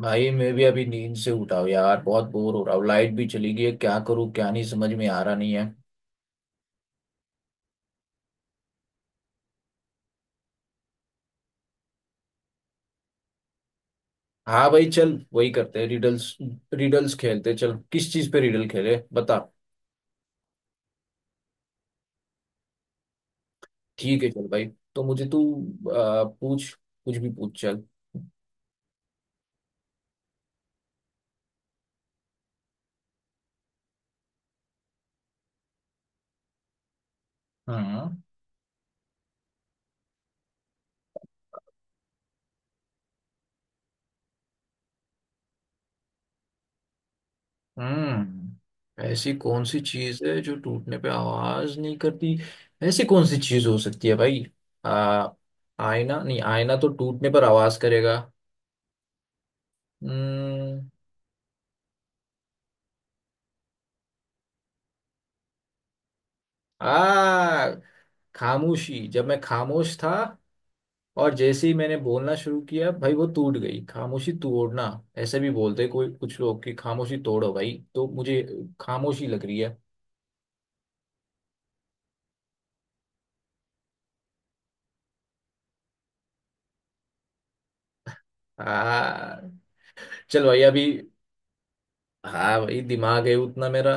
भाई मैं भी अभी नींद से उठा हूँ यार। बहुत बोर हो रहा हूँ। लाइट भी चली गई है। क्या करूँ क्या नहीं समझ में आ रहा नहीं है। हाँ भाई, चल वही करते हैं। रिडल्स, रिडल्स खेलते हैं, चल किस चीज पे रिडल खेले बता। ठीक है चल भाई। तो मुझे तू, पूछ, कुछ भी पूछ, चल। हाँ। ऐसी कौन सी चीज है जो टूटने पे आवाज नहीं करती? ऐसी कौन सी चीज हो सकती है भाई? आ, आईना? नहीं, आईना तो टूटने पर आवाज करेगा। हम्म आ खामोशी। जब मैं खामोश था और जैसे ही मैंने बोलना शुरू किया भाई, वो टूट गई। खामोशी तोड़ना ऐसे भी बोलते हैं कोई कुछ लोग कि खामोशी तोड़ो भाई। तो मुझे खामोशी लग रही है। आ चल भाई अभी। हाँ भाई, दिमाग है उतना मेरा।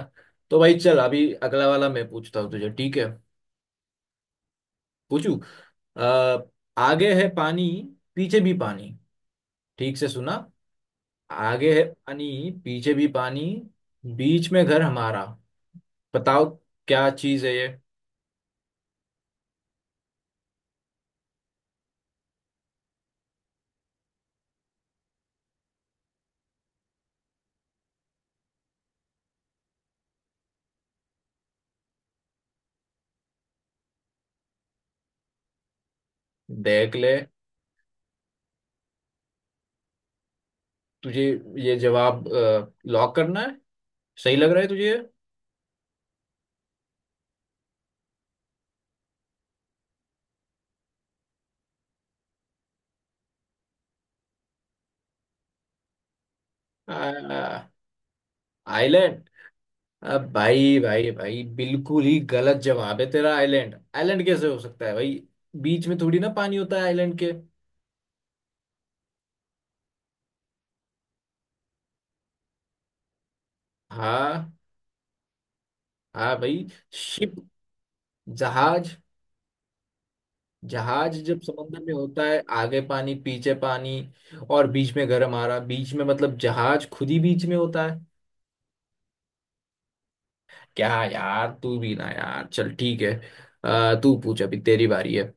तो भाई चल, अभी अगला वाला मैं पूछता हूँ तुझे, ठीक है? पूछू। आ, आगे है पानी, पीछे भी पानी। ठीक से सुना? आगे है पानी, पीछे भी पानी। बीच में घर हमारा। बताओ, क्या चीज है ये। देख ले, तुझे ये जवाब लॉक करना है? सही लग रहा है तुझे? आ, आइलैंड? अब भाई भाई भाई, बिल्कुल ही गलत जवाब है तेरा। आइलैंड, आइलैंड कैसे हो सकता है भाई? बीच में थोड़ी ना पानी होता है आइलैंड के। हाँ हाँ भाई, शिप, जहाज। जहाज जब समुद्र में होता है, आगे पानी, पीछे पानी, और बीच में गर्म आ रहा। बीच में मतलब जहाज खुद ही बीच में होता है। क्या यार, तू भी ना यार, चल ठीक है। तू पूछ, अभी तेरी बारी है।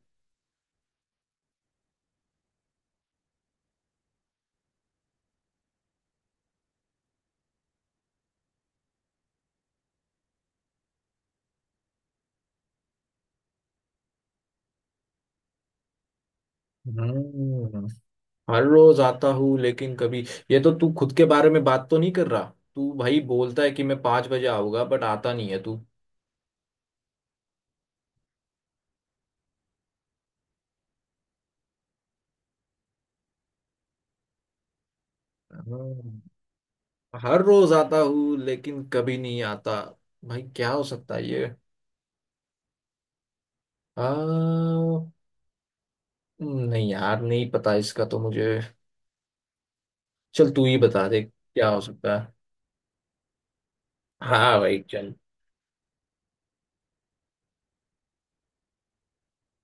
हम्म हर रोज आता हूँ लेकिन कभी। ये तो तू खुद के बारे में बात तो नहीं कर रहा? तू भाई बोलता है कि मैं 5 बजे आऊंगा, बट आता नहीं है तू। हम्म, हर रोज आता हूँ लेकिन कभी नहीं आता। भाई क्या हो सकता है ये? आ, नहीं यार, नहीं पता इसका तो मुझे। चल तू ही बता दे क्या हो सकता है। हाँ भाई चल।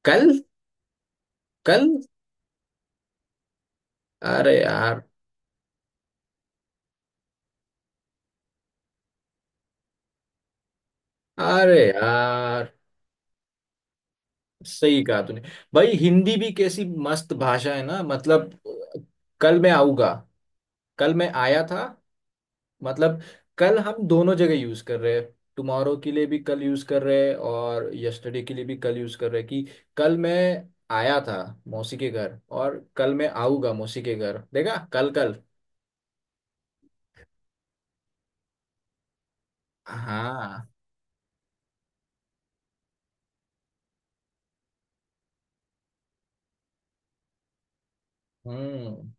कल? कल? अरे यार, अरे यार, सही कहा तूने। भाई हिंदी भी कैसी मस्त भाषा है ना। मतलब कल मैं आऊंगा, कल मैं आया था, मतलब कल हम दोनों जगह यूज कर रहे हैं। टुमारो के लिए भी कल यूज कर रहे हैं, और यस्टरडे के लिए भी कल यूज कर रहे हैं कि कल मैं आया था मौसी के घर, और कल मैं आऊंगा मौसी के घर। देखा, कल, कल। हाँ। हम्म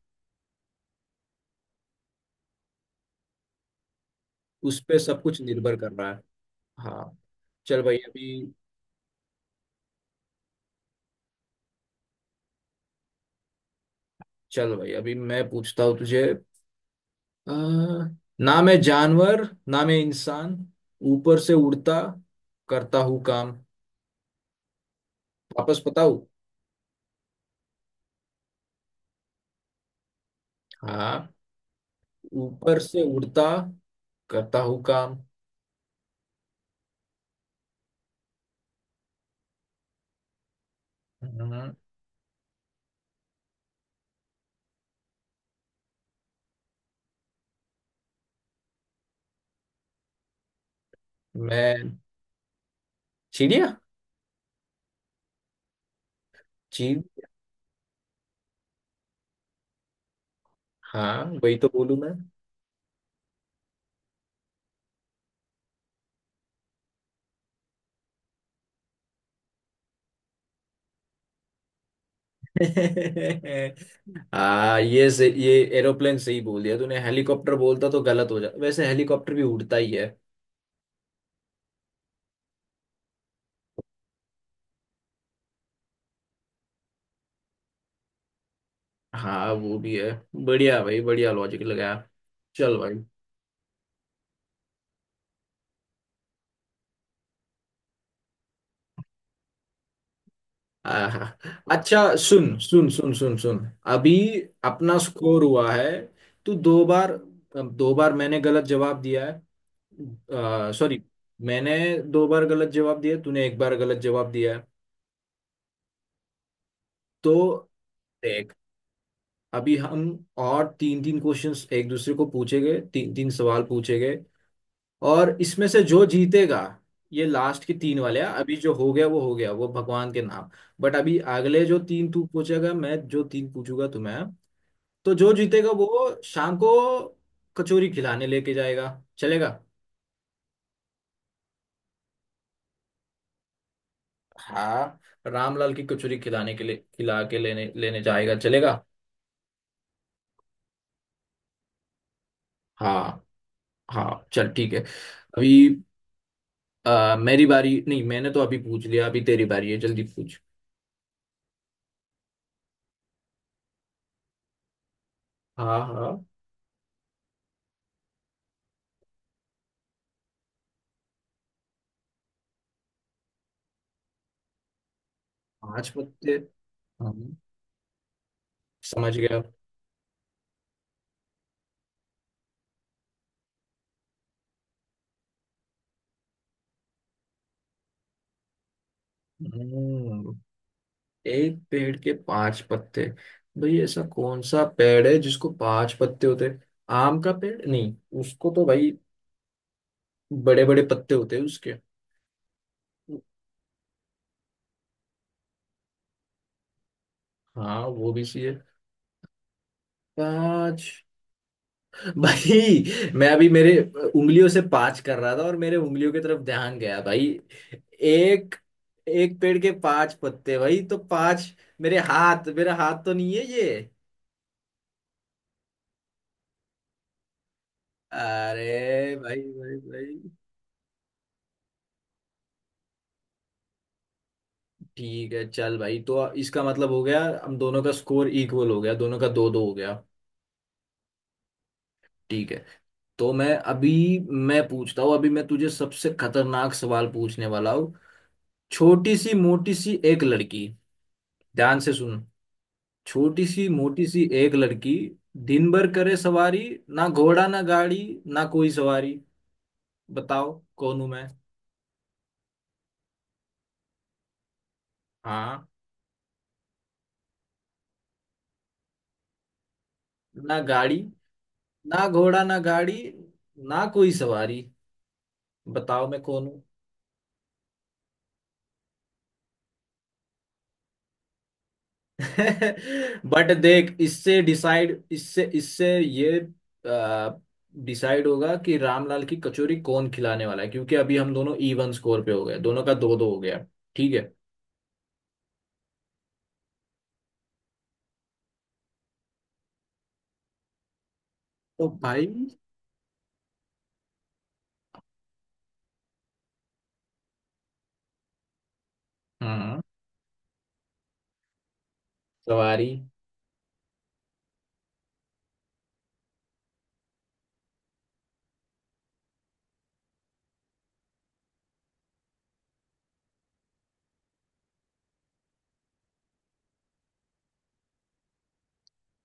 उस पे सब कुछ निर्भर कर रहा है। हाँ चल भाई अभी, चल भाई अभी मैं पूछता हूँ तुझे। अ, ना मैं जानवर, ना मैं इंसान, ऊपर से उड़ता, करता हूँ काम। वापस बताऊँ? हाँ। ऊपर से उड़ता, करता हूँ काम। हम्म, मैं चिड़िया। चीड़। हाँ वही तो बोलूँ मैं। हाँ, ये एरोप्लेन सही बोल दिया तूने। हेलीकॉप्टर बोलता तो गलत हो जाता, वैसे हेलीकॉप्टर भी उड़ता ही है। हाँ, वो भी है। बढ़िया भाई बढ़िया, लॉजिक लगाया। चल भाई। आहा, अच्छा। सुन सुन सुन सुन सुन, अभी अपना स्कोर हुआ है। तू दो बार, दो बार मैंने गलत जवाब दिया है। सॉरी, मैंने दो बार गलत जवाब दिया है, तूने एक बार गलत जवाब दिया है। तो देख, अभी हम और तीन तीन क्वेश्चंस एक दूसरे को पूछेंगे, तीन तीन सवाल पूछेंगे। और इसमें से जो जीतेगा, ये लास्ट के तीन वाले हैं। अभी जो हो गया वो हो गया, वो भगवान के नाम। बट अभी अगले जो तीन तू पूछेगा, मैं जो तीन पूछूंगा तुम्हें, हाँ, तो जो जीतेगा वो शाम को कचौरी खिलाने लेके जाएगा। चलेगा? हाँ, रामलाल की कचौरी खिलाने के लिए, खिला के लेने लेने जाएगा, चलेगा? हाँ हाँ चल ठीक है। अभी मेरी बारी नहीं, मैंने तो अभी पूछ लिया, अभी तेरी बारी है, जल्दी पूछ। हाँ हाँ। पांच पत्ते? हाँ, समझ गया। हम्म, एक पेड़ के पांच पत्ते? भाई ऐसा कौन सा पेड़ है जिसको पांच पत्ते होते हैं? आम का पेड़? नहीं, उसको तो भाई बड़े बड़े पत्ते होते हैं उसके। हाँ, वो भी चाहिए। पाँच। भाई मैं अभी मेरे उंगलियों से पाँच कर रहा था, और मेरे उंगलियों की तरफ ध्यान गया भाई। एक एक पेड़ के पांच पत्ते, भाई तो पांच। मेरे हाथ मेरा हाथ तो नहीं है ये? अरे भाई भाई भाई। ठीक है चल भाई, तो इसका मतलब हो गया, हम दोनों का स्कोर इक्वल हो गया, दोनों का दो दो हो गया। ठीक है। तो मैं अभी, मैं पूछता हूँ, अभी मैं तुझे सबसे खतरनाक सवाल पूछने वाला हूँ। छोटी सी मोटी सी एक लड़की। ध्यान से सुन। छोटी सी मोटी सी एक लड़की, दिन भर करे सवारी, ना घोड़ा, ना गाड़ी, ना कोई सवारी। बताओ कौन हूं मैं। हाँ। ना गाड़ी। ना घोड़ा, ना गाड़ी, ना कोई सवारी। बताओ मैं कौन हूँ। बट देख, इससे ये डिसाइड होगा कि रामलाल की कचौरी कौन खिलाने वाला है, क्योंकि अभी हम दोनों इवन स्कोर पे हो गए, दोनों का दो दो हो गया। ठीक है। तो भाई हम्म सवारी।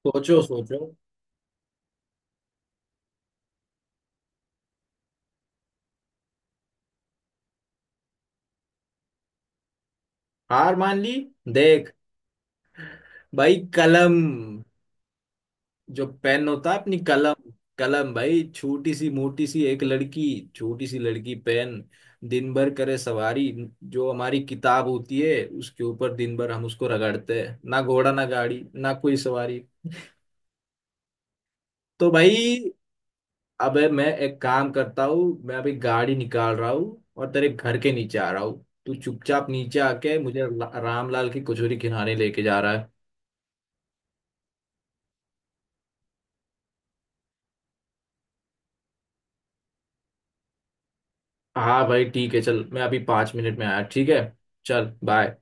सोचो सोचो। हार मान ली? देख भाई, कलम, जो पेन होता है, अपनी कलम। कलम भाई, छोटी सी मोटी सी एक लड़की, छोटी सी लड़की पेन। दिन भर करे सवारी, जो हमारी किताब होती है उसके ऊपर दिन भर हम उसको रगड़ते हैं। ना घोड़ा, ना गाड़ी, ना कोई सवारी। तो भाई, अबे मैं एक काम करता हूँ, मैं अभी गाड़ी निकाल रहा हूँ और तेरे घर के नीचे आ रहा हूँ। तू चुपचाप नीचे आके मुझे रामलाल की कचौरी खिलाने लेके जा रहा है। हाँ भाई ठीक है। चल, मैं अभी 5 मिनट में आया, ठीक है? चल, बाय।